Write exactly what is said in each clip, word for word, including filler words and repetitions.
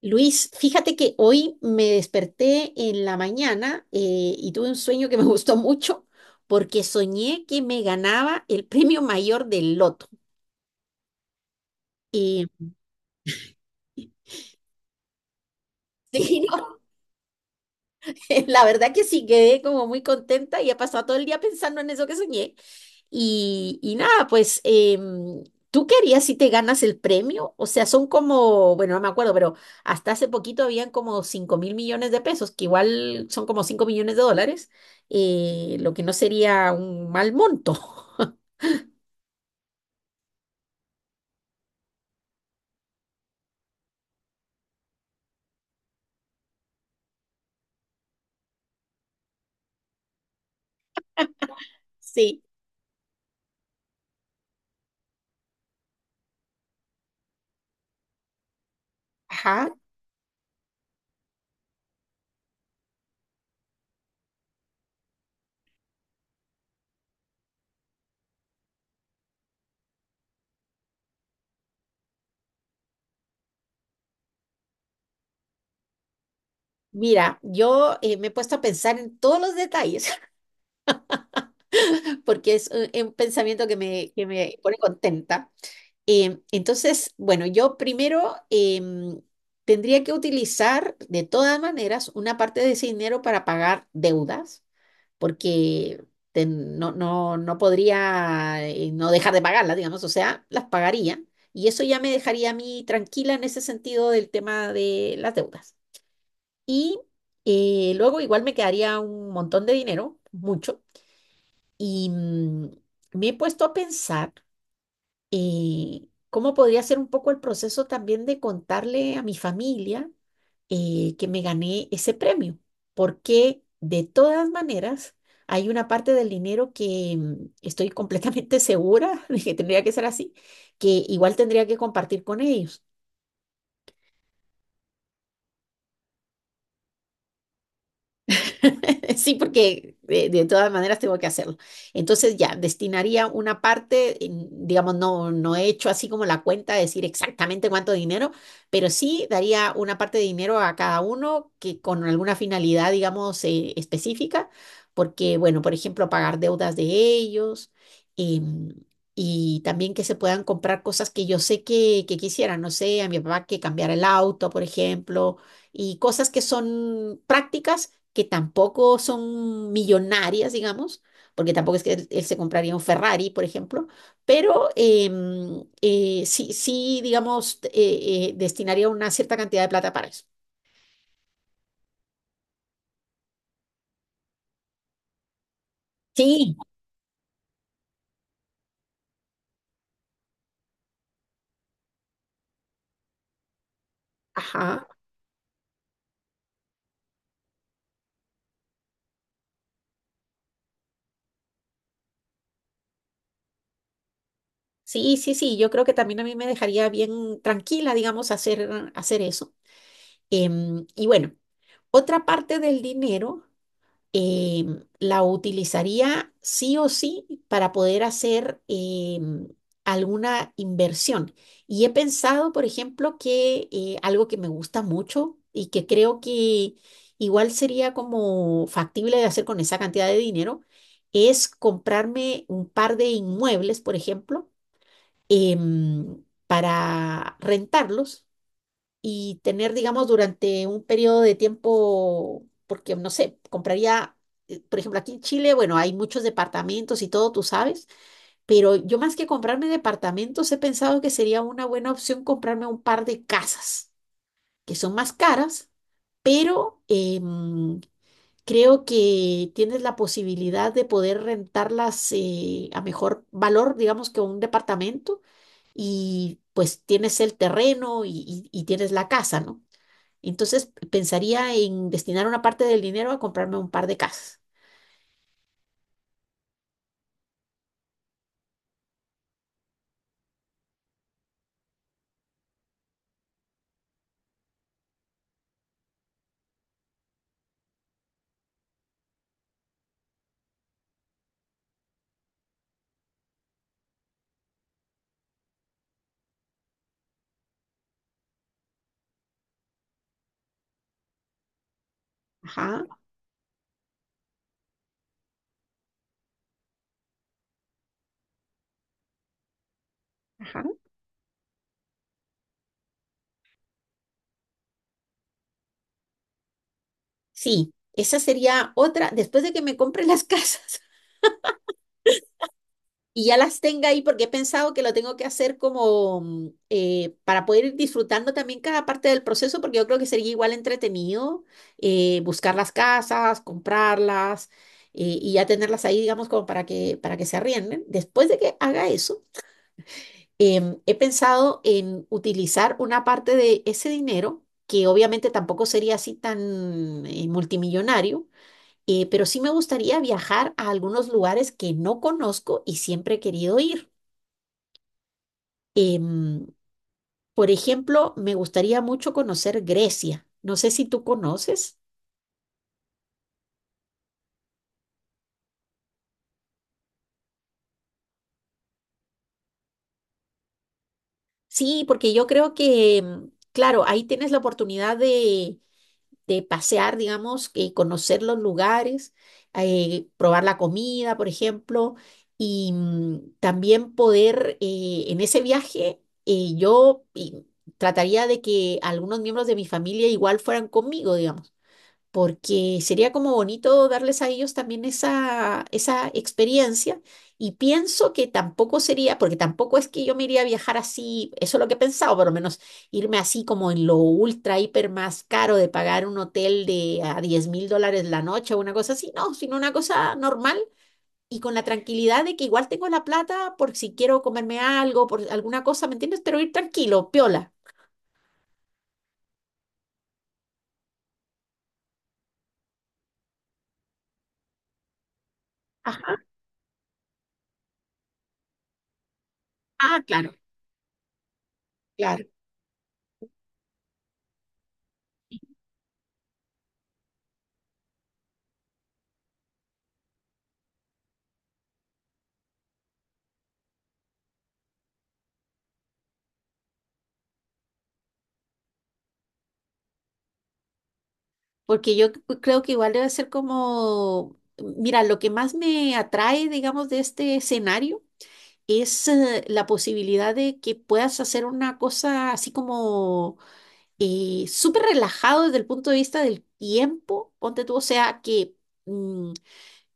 Luis, fíjate que hoy me desperté en la mañana, eh, y tuve un sueño que me gustó mucho porque soñé que me ganaba el premio mayor del loto. Y, sí. La verdad que sí, quedé como muy contenta y he pasado todo el día pensando en eso que soñé. Y, y nada, pues, em, ¿tú qué harías si te ganas el premio? O sea, son como, bueno, no me acuerdo, pero hasta hace poquito habían como cinco mil millones de pesos, que igual son como cinco millones de dólares, eh, lo que no sería un mal monto. Sí, ajá. Mira, yo, eh, me he puesto a pensar en todos los detalles, porque es, eh, un pensamiento que me, que me pone contenta. Eh, entonces, bueno, yo primero, em, tendría que utilizar de todas maneras una parte de ese dinero para pagar deudas, porque te- no, no, no podría, eh, no dejar de pagarlas, digamos, o sea, las pagaría y eso ya me dejaría a mí tranquila en ese sentido del tema de las deudas. Y, eh, luego igual me quedaría un montón de dinero, mucho, y mm, me he puesto a pensar, eh, cómo podría ser un poco el proceso también de contarle a mi familia, eh, que me gané ese premio, porque de todas maneras hay una parte del dinero que, mm, estoy completamente segura de que tendría que ser así, que igual tendría que compartir con ellos. Sí, porque de, de todas maneras tengo que hacerlo. Entonces ya, destinaría una parte, en- digamos, no, no he hecho así como la cuenta de decir exactamente cuánto dinero, pero sí daría una parte de dinero a cada uno que con alguna finalidad, digamos, eh, específica, porque, bueno, por ejemplo, pagar deudas de ellos. em, Y también que se puedan comprar cosas que yo sé que, que quisieran, no sé, a mi papá que cambiara el auto, por ejemplo, y cosas que son prácticas que tampoco son millonarias, digamos, porque tampoco es que él, él se compraría un Ferrari, por ejemplo, pero em, eh, sí, sí, digamos, eh, eh, destinaría una cierta cantidad de plata para eso. Sí, ajá. Sí, sí, sí, yo creo que también a mí me dejaría bien tranquila, digamos, hacer, hacer eso. Em, y bueno, otra parte del dinero, em, la utilizaría sí o sí para poder hacer, em, alguna inversión. Y he pensado, por ejemplo, que, eh, algo que me gusta mucho y que creo que igual sería como factible de hacer con esa cantidad de dinero es comprarme un par de inmuebles, por ejemplo, em, para rentarlos y tener, digamos, durante un periodo de tiempo, porque no sé, compraría, eh, por ejemplo, aquí en Chile, bueno, hay muchos departamentos y todo, tú sabes, pero yo más que comprarme departamentos he pensado que sería una buena opción comprarme un par de casas, que son más caras, pero, em, creo que tienes la posibilidad de poder rentarlas, eh, a mejor valor, digamos, que un departamento. Y pues tienes el terreno y, y y tienes la casa, ¿no? Entonces pensaría en destinar una parte del dinero a comprarme un par de casas. Ajá, ajá. Sí, esa sería otra, después de que me compre las casas y ya las tenga ahí, porque he pensado que lo tengo que hacer como, mm, eh, para poder ir disfrutando también cada parte del proceso, porque yo creo que sería igual entretenido, eh, buscar las casas, comprarlas, eh, y ya tenerlas ahí, digamos, como para que, para que se arrienden. Después de que haga eso, em, he pensado en utilizar una parte de ese dinero, que obviamente tampoco sería así tan, eh, multimillonario, eh, pero sí me gustaría viajar a algunos lugares que no conozco y siempre he querido ir. Em, por ejemplo, me gustaría mucho conocer Grecia. No sé si tú conoces. Sí, porque yo creo que, em, claro, ahí tienes la oportunidad de de pasear, digamos, que conocer los lugares, eh, probar la comida, por ejemplo, y mm, también poder, eh, en ese viaje, eh, yo y, trataría de que algunos miembros de mi familia igual fueran conmigo, digamos, porque sería como bonito darles a ellos también esa, esa experiencia y pienso que tampoco sería, porque tampoco es que yo me iría a viajar así, eso es lo que he pensado, por lo menos irme así como en lo ultra, hiper más caro de pagar un hotel de a diez mil dólares la noche o una cosa así, no, sino una cosa normal y con la tranquilidad de que igual tengo la plata por si quiero comerme algo, por alguna cosa, ¿me entiendes? Pero ir tranquilo, piola. Ajá. Ah, claro, claro. Porque yo c- creo que igual debe ser como, mira, lo que más me atrae, digamos, de este escenario es, eh, la posibilidad de que puedas hacer una cosa así como, eh, súper relajado desde el punto de vista del tiempo, ponte tú, o sea, que, mm,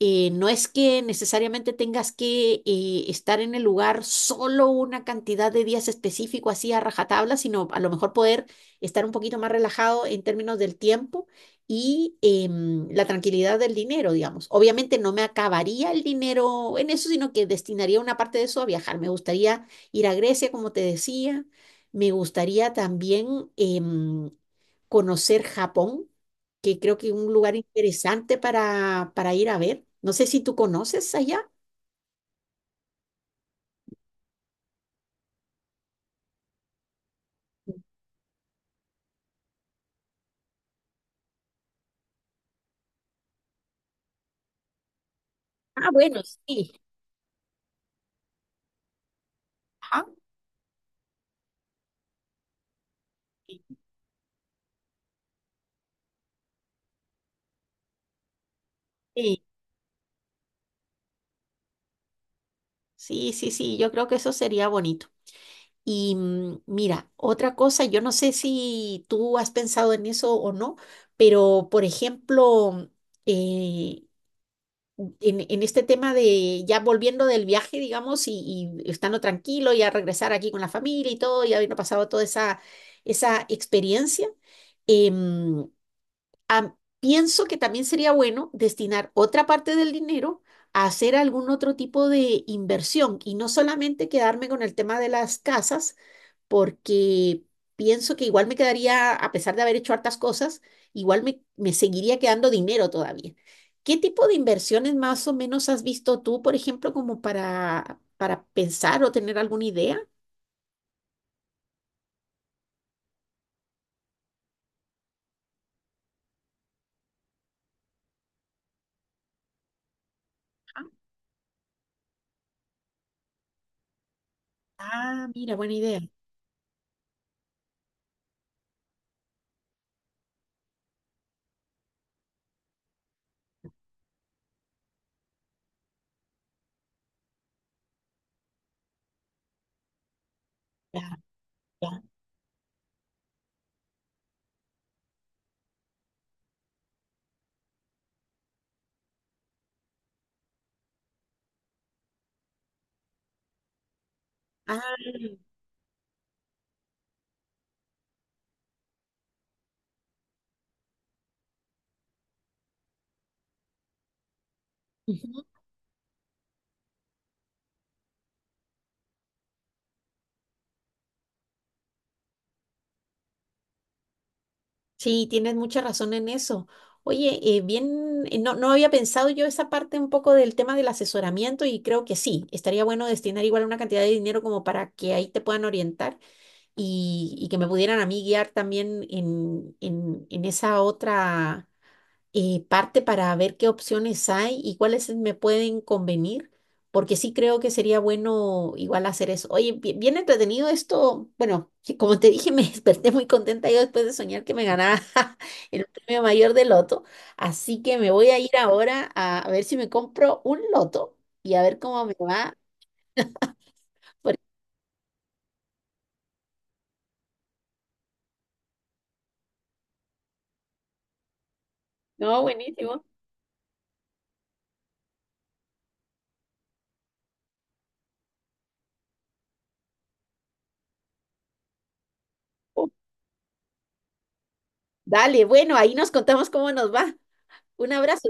eh, no es que necesariamente tengas que, eh, estar en el lugar solo una cantidad de días específico así a rajatabla, sino a lo mejor poder estar un poquito más relajado en términos del tiempo y, em, la tranquilidad del dinero, digamos. Obviamente no me acabaría el dinero en eso, sino que destinaría una parte de eso a viajar. Me gustaría ir a Grecia, como te decía. Me gustaría también, em, conocer Japón, que creo que es un lugar interesante para, para ir a ver. No sé si tú conoces allá. Ah, bueno, sí. Ajá. Sí, sí, sí, sí, yo creo que eso sería bonito. Y mm, mira, otra cosa, yo no sé si tú has pensado en eso o no, pero por ejemplo, eh, en, en este tema de ya volviendo del viaje, digamos, y, y estando tranquilo, ya regresar aquí con la familia y todo, y habiendo pasado toda esa, esa experiencia, em, Am- pienso que también sería bueno destinar otra parte del dinero a hacer algún otro tipo de inversión y no solamente quedarme con el tema de las casas, porque pienso que igual me quedaría, a pesar de haber hecho hartas cosas, igual me, me seguiría quedando dinero todavía. ¿Qué tipo de inversiones más o menos has visto tú, por ejemplo, como para, para pensar o tener alguna idea? Ah, mira, buena idea. Ya, ya. Ah, ujú. Sí, tienes mucha razón en eso. Oye, eh, bien, eh, no, no había pensado yo esa parte un poco del tema del asesoramiento y creo que sí, estaría bueno destinar igual una cantidad de dinero como para que ahí te puedan orientar y, y que me pudieran a mí guiar también en, en, en esa otra, eh, parte para ver qué opciones hay y cuáles me pueden convenir, porque sí creo que sería bueno igual hacer eso. Oye, bi- bien entretenido esto. Bueno, que como te dije, me desperté muy contenta yo después de soñar que me ganaba el premio mayor de loto, así que me voy a ir ahora a, a ver si me compro un loto y a ver cómo me va. porque- No, buenísimo. Uh, Dale, bueno, ahí nos contamos cómo nos va. Un abrazo.